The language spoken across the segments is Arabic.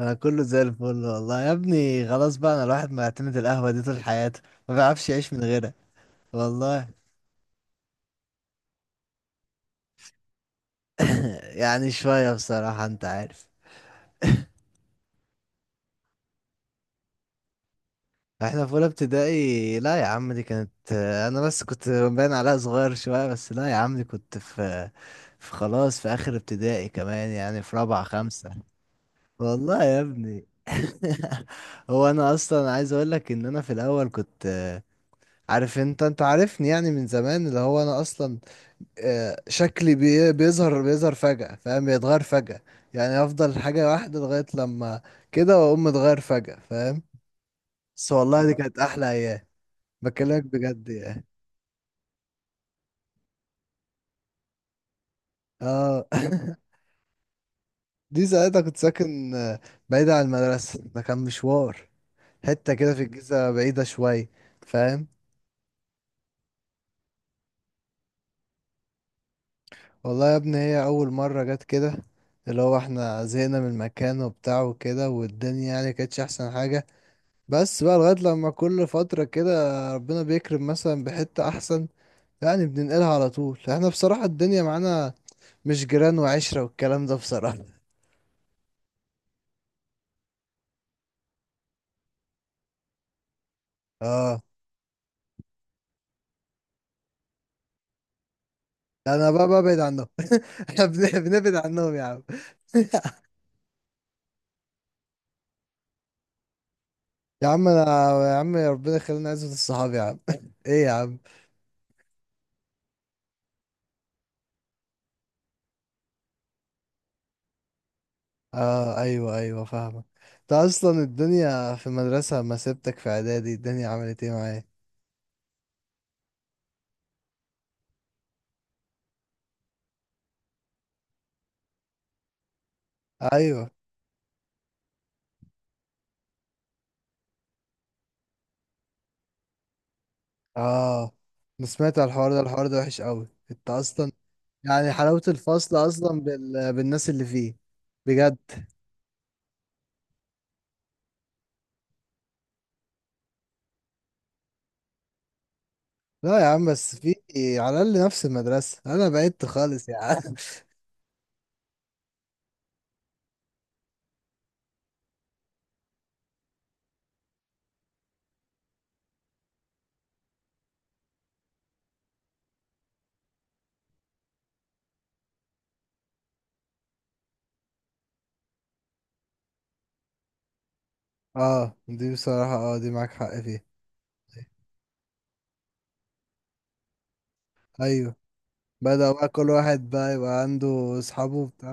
انا كله زي الفل والله يا ابني. خلاص بقى، انا الواحد معتمد القهوة دي طول حياته، ما بيعرفش يعيش من غيرها. والله. يعني شوية، بصراحة انت عارف. احنا في اولى ابتدائي؟ لا يا عم، دي كانت انا بس كنت باين عليها صغير شوية، بس لا يا عم، دي كنت في في خلاص، في اخر ابتدائي كمان، يعني في رابعة خمسة. والله يا ابني. هو انا اصلا عايز اقول لك ان انا في الاول كنت عارف انت، انت عارفني يعني من زمان، اللي هو انا اصلا شكلي بيظهر فجأة، فاهم؟ بيتغير فجأة، يعني افضل حاجة واحدة لغاية لما كده واقوم متغير فجأة، فاهم؟ بس والله دي كانت احلى ايام. بكلمك بجد يعني. اه. دي ساعتها كنت ساكن بعيد عن المدرسة، ده كان مشوار. حتة كده في الجيزة بعيدة شوية، فاهم؟ والله يا ابني، هي اول مرة جت كده اللي هو احنا زهقنا من المكان وبتاع وكده، والدنيا يعني كانتش احسن حاجة. بس بقى لغاية لما كل فترة كده ربنا بيكرم مثلا بحتة أحسن، يعني بننقلها على طول. احنا بصراحة الدنيا معانا مش جيران وعشرة والكلام ده، بصراحة. اه. لا انا بقى ببعد عنهم. احنا بنبعد عنهم يا عم. يا عم انا، يا عم ربنا يخلينا عزوة الصحاب يا عم. ايه يا عم. اه ايوه ايوه فاهمك. انت اصلا الدنيا في المدرسة، ما سبتك في اعدادي الدنيا عملت ايه معايا؟ ايوه. اه انا سمعت على الحوار ده، الحوار ده وحش قوي. انت اصلا يعني حلاوة الفصل أصلا بالناس اللي فيه، بجد. لا يا عم، بس في على الأقل نفس المدرسة، أنا بعدت خالص يا عم. اه دي بصراحة، اه دي معاك حق فيها. أيوه. بدأ بقى كل واحد بقى يبقى عنده أصحابه بتاع.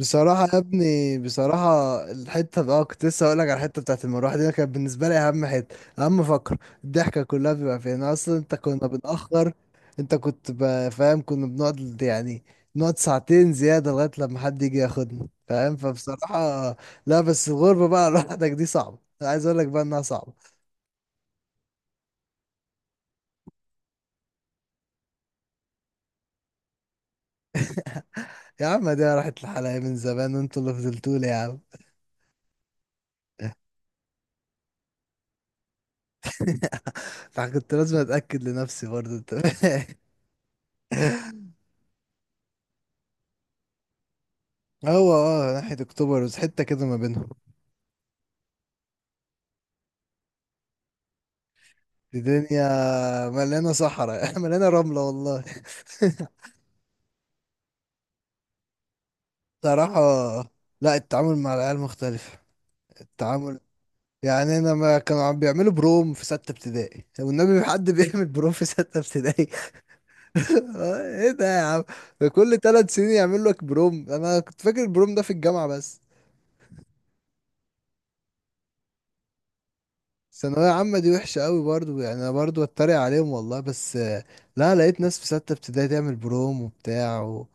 بصراحة يا ابني، بصراحة الحتة بقى كنت لسه هقولك على الحتة بتاعت المروحة دي، أنا كانت بالنسبة لي أهم حتة، أهم فقرة الضحكة كلها بيبقى فيها. أنا أصلا أنت كنا بنأخر، أنت كنت فاهم؟ كنا بنقعد يعني نقعد ساعتين زيادة لغاية لما حد يجي ياخدنا، فاهم؟ فبصراحة. لا بس الغربة بقى لوحدك دي صعبة، أنا عايز أقولك بقى إنها صعبة. يا عم دي راحت لحالها من زمان، وأنتوا اللي فضلتولي يا عم. فكنت لازم أتأكد لنفسي برضه، أنت فاهم؟ هو اه ناحية اكتوبر، بس حتة كده ما بينهم. الدنيا مليانة صحراء مليانة رملة والله. صراحة لا، التعامل مع العيال مختلف. التعامل يعني انا، ما كانوا عم بيعملوا بروم في ستة ابتدائي والنبي؟ في حد بيعمل بروم في ستة ابتدائي؟ ايه ده يا عم؟ كل ثلاث سنين يعمل لك بروم؟ انا كنت فاكر البروم ده في الجامعة بس. ثانوية عامة دي وحشة قوي برضو، يعني أنا برضو أتريق عليهم والله، بس لا لقيت ناس في ستة ابتدائي تعمل بروم وبتاع و...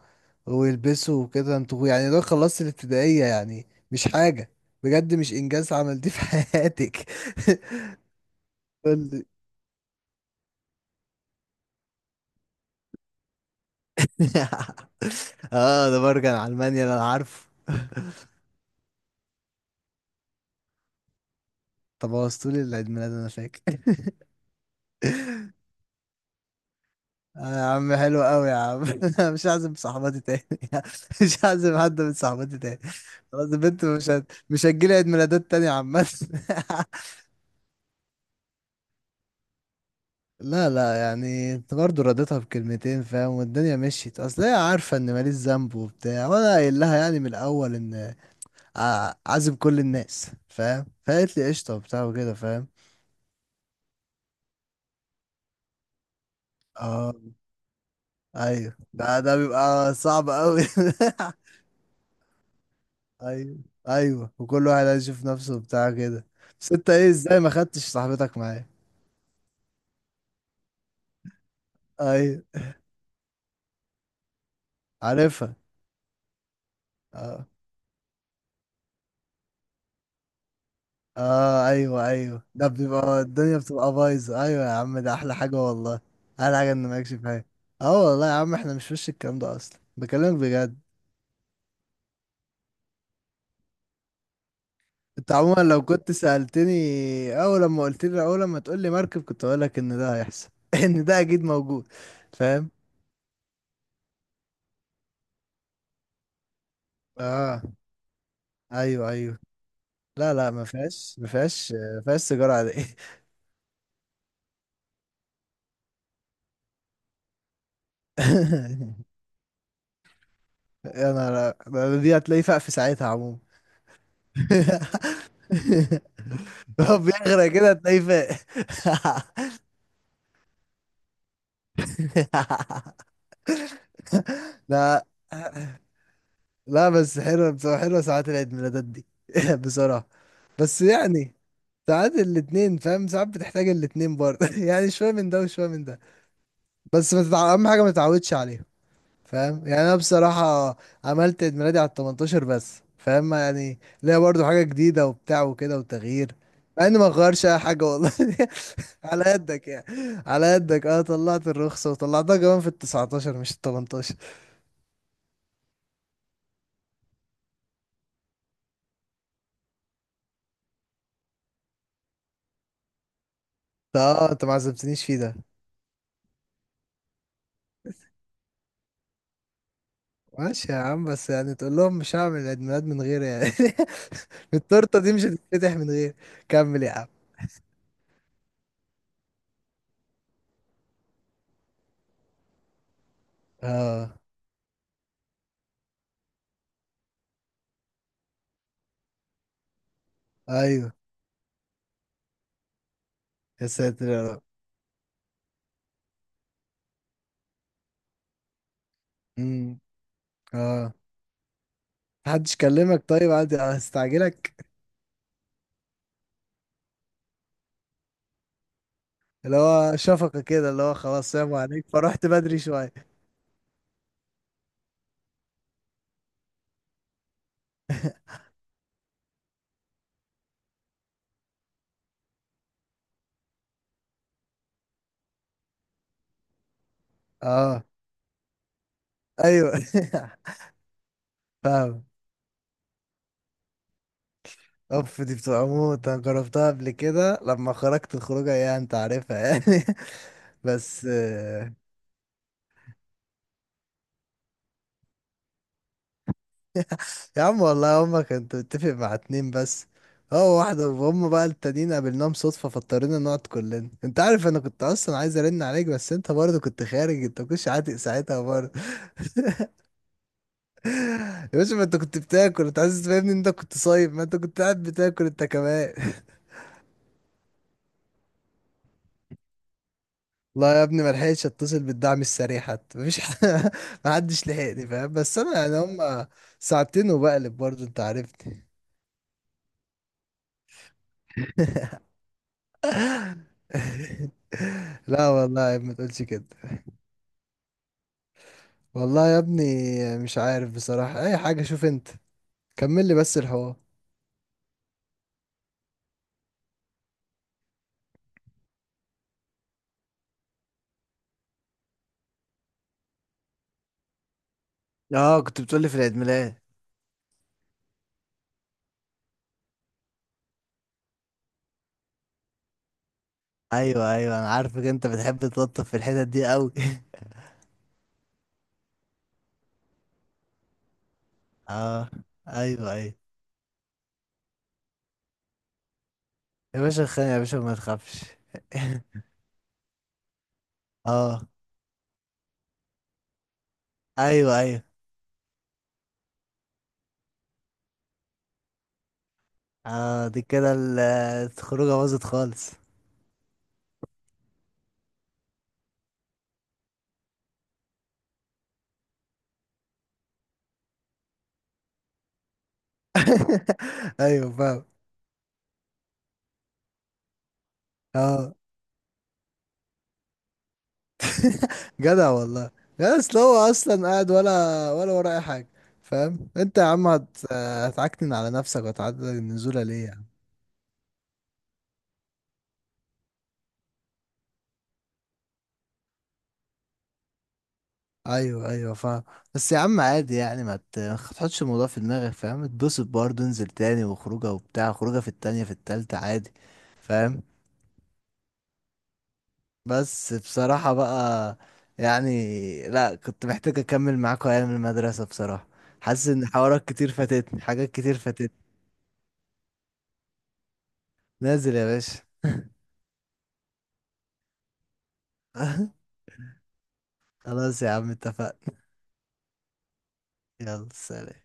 ويلبسوا وكده. انتوا يعني لو خلصت الابتدائية يعني مش حاجة بجد، مش إنجاز عملتيه في حياتك. قول لي. اه، ده برجع على ألمانيا أنا عارفه. طب بوظتولي العيد ميلاد أنا فاكر. آه يا عم حلو قوي يا عم. مش هعزم صاحباتي تاني. مش هعزم حد من صاحباتي تاني. خلاص البنت مش هتجيلي عيد ميلادات تاني يا عم. لا لا، يعني انت برضه رديتها بكلمتين، فاهم؟ والدنيا مشيت. اصل هي عارفه ان ماليش ذنب وبتاع، وانا قايل لها يعني من الاول ان عازم كل الناس، فاهم؟ فقالت لي قشطه وبتاع وكده، فاهم؟ اه ايوه، ده بيبقى صعب قوي. ايوه ايوه، وكل واحد عايز يشوف نفسه بتاع كده. بس انت ايه، ازاي ما خدتش صاحبتك معايا؟ ايوه. عارفها. اه. اه ايوه ايوه، ده بيبقى الدنيا بتبقى بايظه. ايوه يا عم، ده احلى حاجه والله. احلى حاجه ان مالكش فيها. اه والله يا عم، احنا مش وش الكلام ده اصلا، بكلمك بجد. انت عموما لو كنت سألتني اول لما قلت لي، اول لما تقول لي مركب كنت اقول لك ان ده هيحصل، ان ده اكيد موجود. فاهم. اه ايوه ايوه. لا لا، ما فيهاش ما فيهاش ما فيهاش سيجاره عاديه. يا نهار أبيض! دي هتلاقيه فاق في ساعتها عموما. هو بيغرق كده هتلاقيه فاق. لا لا بس حلوة، بصراحة حلوة ساعات العيد ميلادات دي. بصراحة. بس يعني ساعات الاتنين فاهم، ساعات بتحتاج الاتنين برضه، يعني شوية من ده وشوية من ده. بس ما تتع... أهم حاجة ما تتعودش عليهم، فاهم؟ يعني انا بصراحة عملت عيد ميلادي على ال 18 بس، فاهم؟ يعني ليا برضو حاجة جديدة وبتاع وكده وتغيير، مع اني ما غيرش اي حاجة والله. على قدك يعني. على قدك. اه طلعت الرخصة، وطلعتها كمان في ال 19 مش ال 18. ده اه انت ما عزمتنيش فيه ده. ماشي يا عم، بس يعني تقول لهم مش هعمل عيد ميلاد من غير يعني، التورتة دي مش هتتفتح من غير. كمل يا عم. اه. ايوه. يا ساتر يا رب. امم. اه. محدش كلمك طيب، عادي هستعجلك. اللي هو شفقة كده، اللي هو خلاص سلام عليك فرحت بدري شوية. اه ايوه. فاهم. اوف دي بتبقى موت، انا جربتها قبل كده لما خرجت الخروجة ايه، انت عارفها يعني. بس يا عم والله هما كنت متفق مع اتنين بس، هو واحدة وهم بقى التانيين قابلناهم صدفة فاضطرينا نقعد كلنا. انت عارف انا كنت اصلا عايز ارن عليك، بس انت برضه كنت خارج، انت مكنتش عاتق ساعتها برضه. يا باشا ما انت كنت بتاكل، انت عايز تفهمني ان انت كنت صايم؟ ما انت كنت قاعد بتاكل انت كمان. لا يا ابني ما لحقتش اتصل بالدعم السريع حتى، مفيش ما حدش لحقني، فاهم؟ بس انا يعني هم ساعتين وبقلب برضه، انت عارفني. لا والله يا ابني ما تقولش كده. والله يا ابني مش عارف بصراحة اي حاجة، شوف انت، كمل لي بس الحوار. اه كنت بتقولي في العيد ميلاد. ايوه ايوه انا عارفك، انت بتحب تلطف في الحتت دي قوي. اه ايوه ايوه. يا باشا خان، يا باشا ما تخافش. اه ايوه ايوه. اه دي كده الخروجه باظت خالص. ايوه فاهم. اه. جدع والله. لا اصل هو اصلا قاعد ولا، ولا وراه اي حاجه؟ فاهم انت يا عم، هتعكنن على نفسك وتعدل النزوله ليه يعني؟ ايوه ايوه فاهم. بس يا عم عادي يعني، ما تحطش الموضوع في دماغك، فاهم؟ اتبسط برضه، انزل تاني وخروجه وبتاع، خروجه في التانية في التالتة عادي، فاهم؟ بس بصراحة بقى يعني لا، كنت محتاج أكمل معاكوا أيام المدرسة بصراحة. حاسس إن حوارات كتير فاتتني، حاجات كتير فاتتني. نازل يا باشا. خلاص يا عم اتفقنا. يلا سلام.